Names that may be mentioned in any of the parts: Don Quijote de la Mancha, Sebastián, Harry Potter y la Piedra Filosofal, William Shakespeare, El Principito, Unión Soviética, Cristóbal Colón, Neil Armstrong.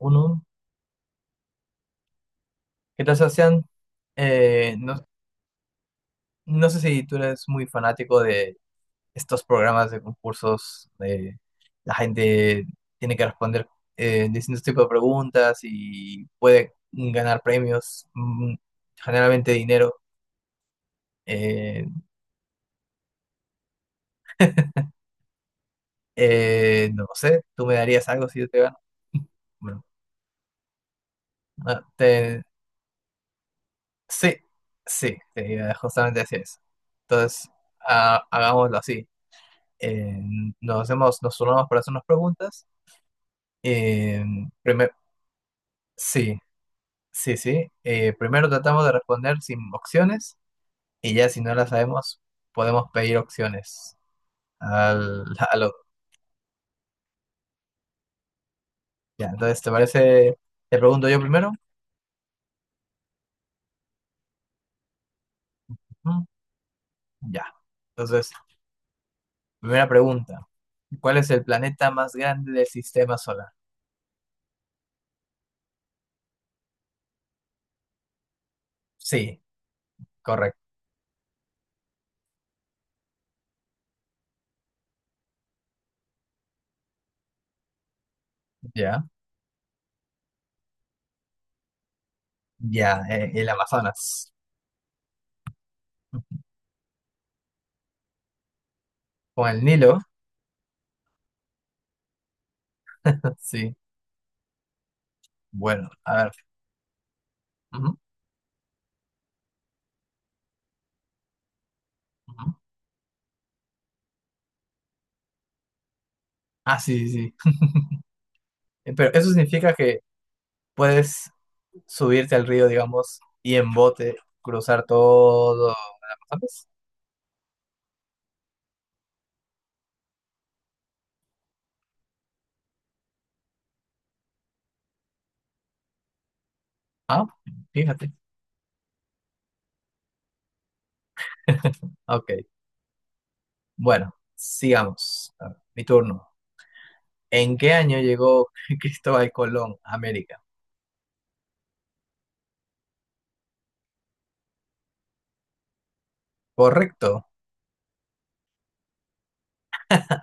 Uno. ¿Qué tal, Sebastián? Eh, no, no sé si tú eres muy fanático de estos programas de concursos, de la gente tiene que responder distintos tipos de preguntas y puede ganar premios, generalmente dinero. Eh, no sé, ¿tú me darías algo si yo te gano? Bueno, ah, te- sí, sí, te iba justamente a decir eso. Entonces, hagámoslo así. Eh, nos turnamos para hacernos preguntas. Eh, primer- sí, sí, sí. Primero tratamos de responder sin opciones y ya si no las sabemos, podemos pedir opciones al, al otro. Ya, entonces, ¿te parece? ¿Te pregunto yo primero? Ujú, ya. Entonces, primera pregunta. ¿Cuál es el planeta más grande del sistema solar? Sí, correcto. Ya, ya, el Amazonas. Con el Nilo, sí. Bueno, a ver. Ujú, ujú. Ah, sí, sí, sí. Pero eso significa que puedes subirte al río, digamos, y en bote cruzar todo Amazonas. Ah, fíjate. Ok, bueno, sigamos. A ver, mi turno. ¿En qué año llegó Cristóbal Colón a América? Correcto.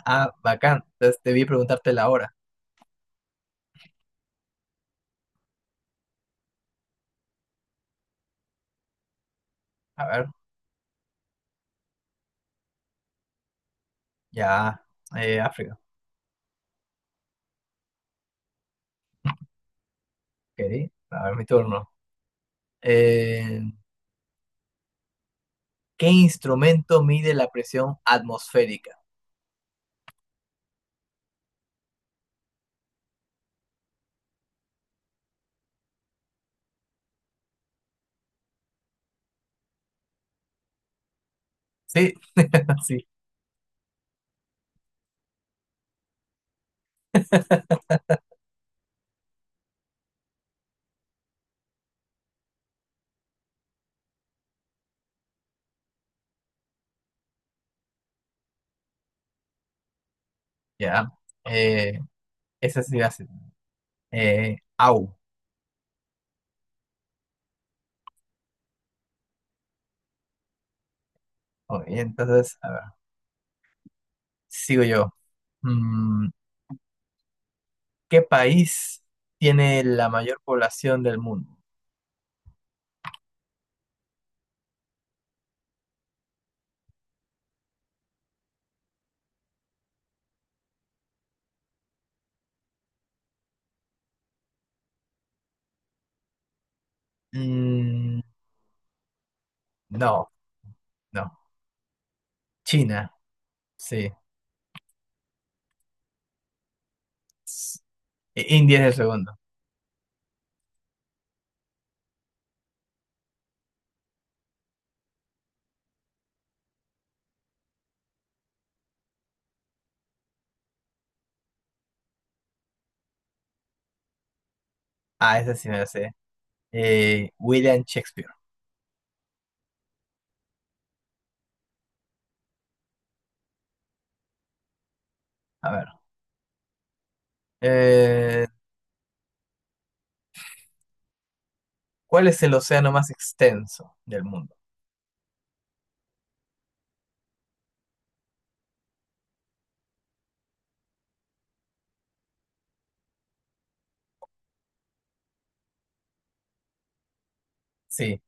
Ah, bacán. Entonces debí preguntarte la hora. A ver, ya. África. Ok, a ver, mi turno. Eh, ¿Qué instrumento mide la presión atmosférica? Sí, sí. Ya, eh, esa sí hace. Au. Ok, entonces, a ver, sigo yo. Mm, ¿Qué país tiene la mayor población del mundo? Mm, no, no. China, sí. S- India es el segundo. Ah, ese sí me lo sé. William Shakespeare. A ver. Eh, ¿Cuál es el océano más extenso del mundo? Sí,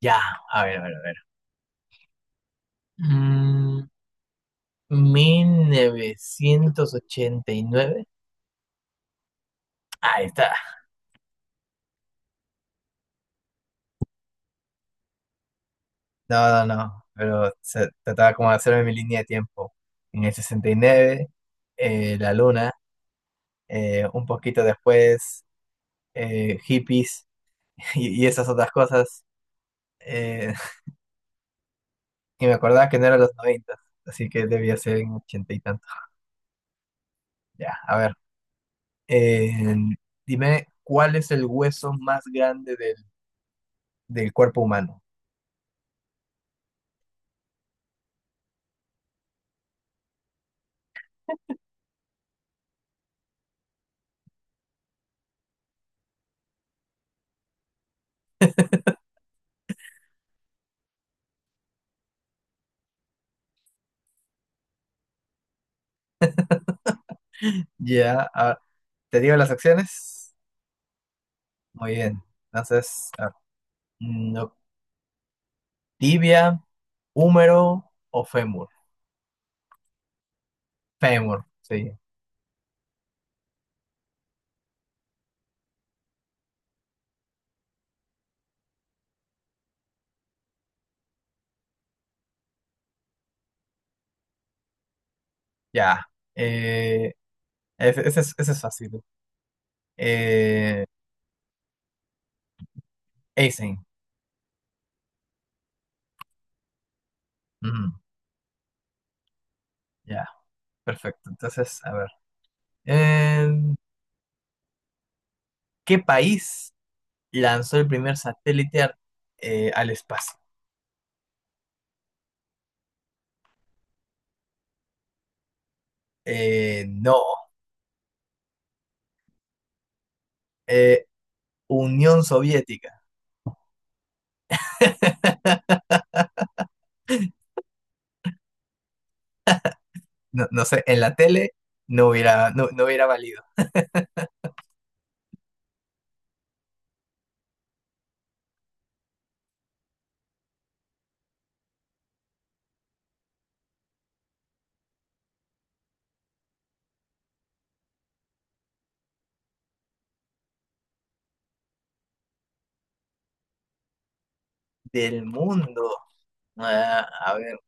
ya. A ver, a ver, a ver. Mm, mil novecientos ochenta y nueve. Ahí está. No, no, no, pero se trataba como de hacerme mi línea de tiempo. En el 69, la luna, un poquito después, hippies y esas otras cosas. eh, y me acordaba que no eran los 90, así que debía ser en 80 y tanto. Ya, a ver. eh, dime, ¿cuál es el hueso más grande del, del cuerpo humano? Ya, ah, ¿te digo las acciones? Muy bien. Entonces, a ver, mm, no- tibia, húmero o fémur. Fémur, sí. Ya. Eh, ese es fácil. Eh, Eisen. Ujú. Ya, perfecto. Entonces, a ver. En ¿qué país lanzó el primer satélite al espacio? No. Eh, Unión Soviética. No, no sé, en la tele no hubiera, no, no hubiera valido. Del mundo. Ah, a ver.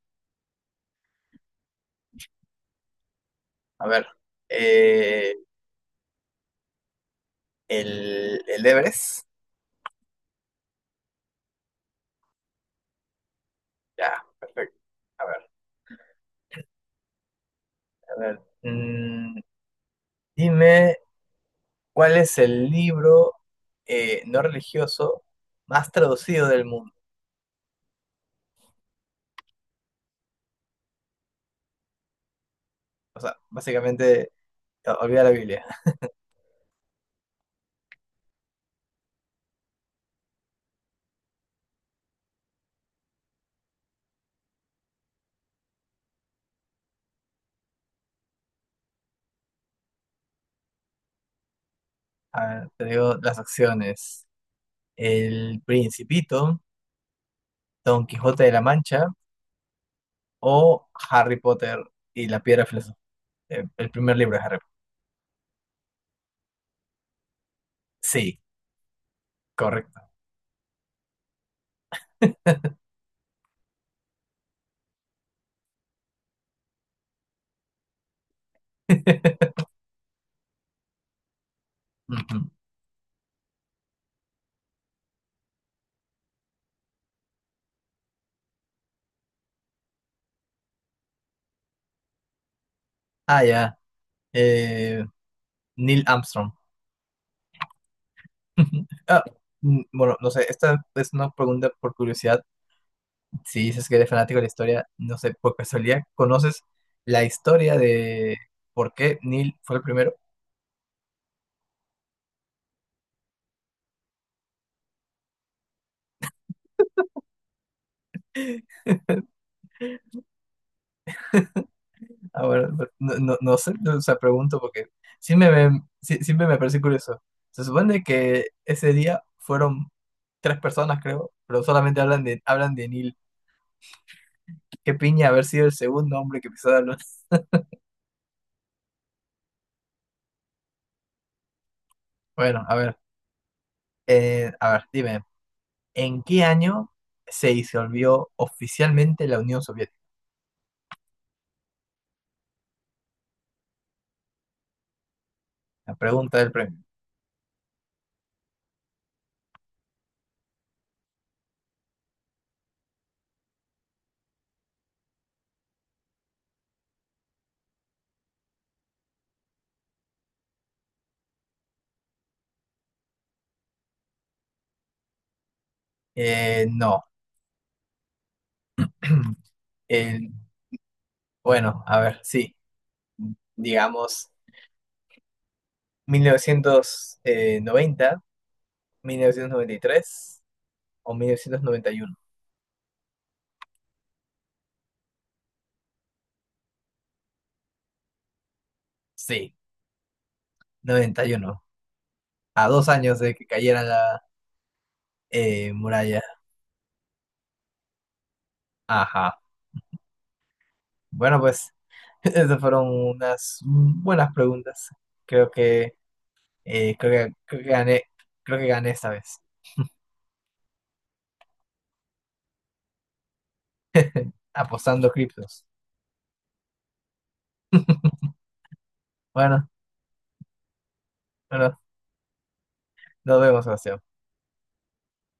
A ver, eh, el Everest. Ya, perfecto. A ver, a ver. Dime, ¿cuál es el libro no religioso más traducido del mundo? O sea, básicamente, olvida la Biblia. A ver, te digo las opciones. El Principito, Don Quijote de la Mancha o Harry Potter y la Piedra Filosofal. El primer libro de Harry Potter. Sí, correcto. Ujú. Ah, ya. Eh, Neil Armstrong. Ah, bueno, no sé, esta es una pregunta por curiosidad. Si dices que eres fanático de la historia, no sé, por casualidad, ¿conoces la historia de por qué Neil fue el primero? Ah, bueno, no, no, no sé, no, o sea, pregunto porque siempre me parece curioso. Se supone que ese día fueron tres personas, creo, pero solamente hablan de Neil. Qué piña haber sido el segundo hombre que pisó la luna. Bueno, a ver, dime. ¿En qué año se disolvió oficialmente la Unión Soviética? La pregunta del premio. No. El- bueno, a ver, sí. Digamos, mil novecientos noventa, mil novecientos noventa y tres o 1991. Sí, noventa y uno, a dos años de que cayera la muralla. Ajá. Bueno, pues esas fueron unas buenas preguntas. Creo que, eh, creo que, creo que gané, creo que gané esta vez. Apostando criptos. Bueno, bueno, nos vemos, Sebastián.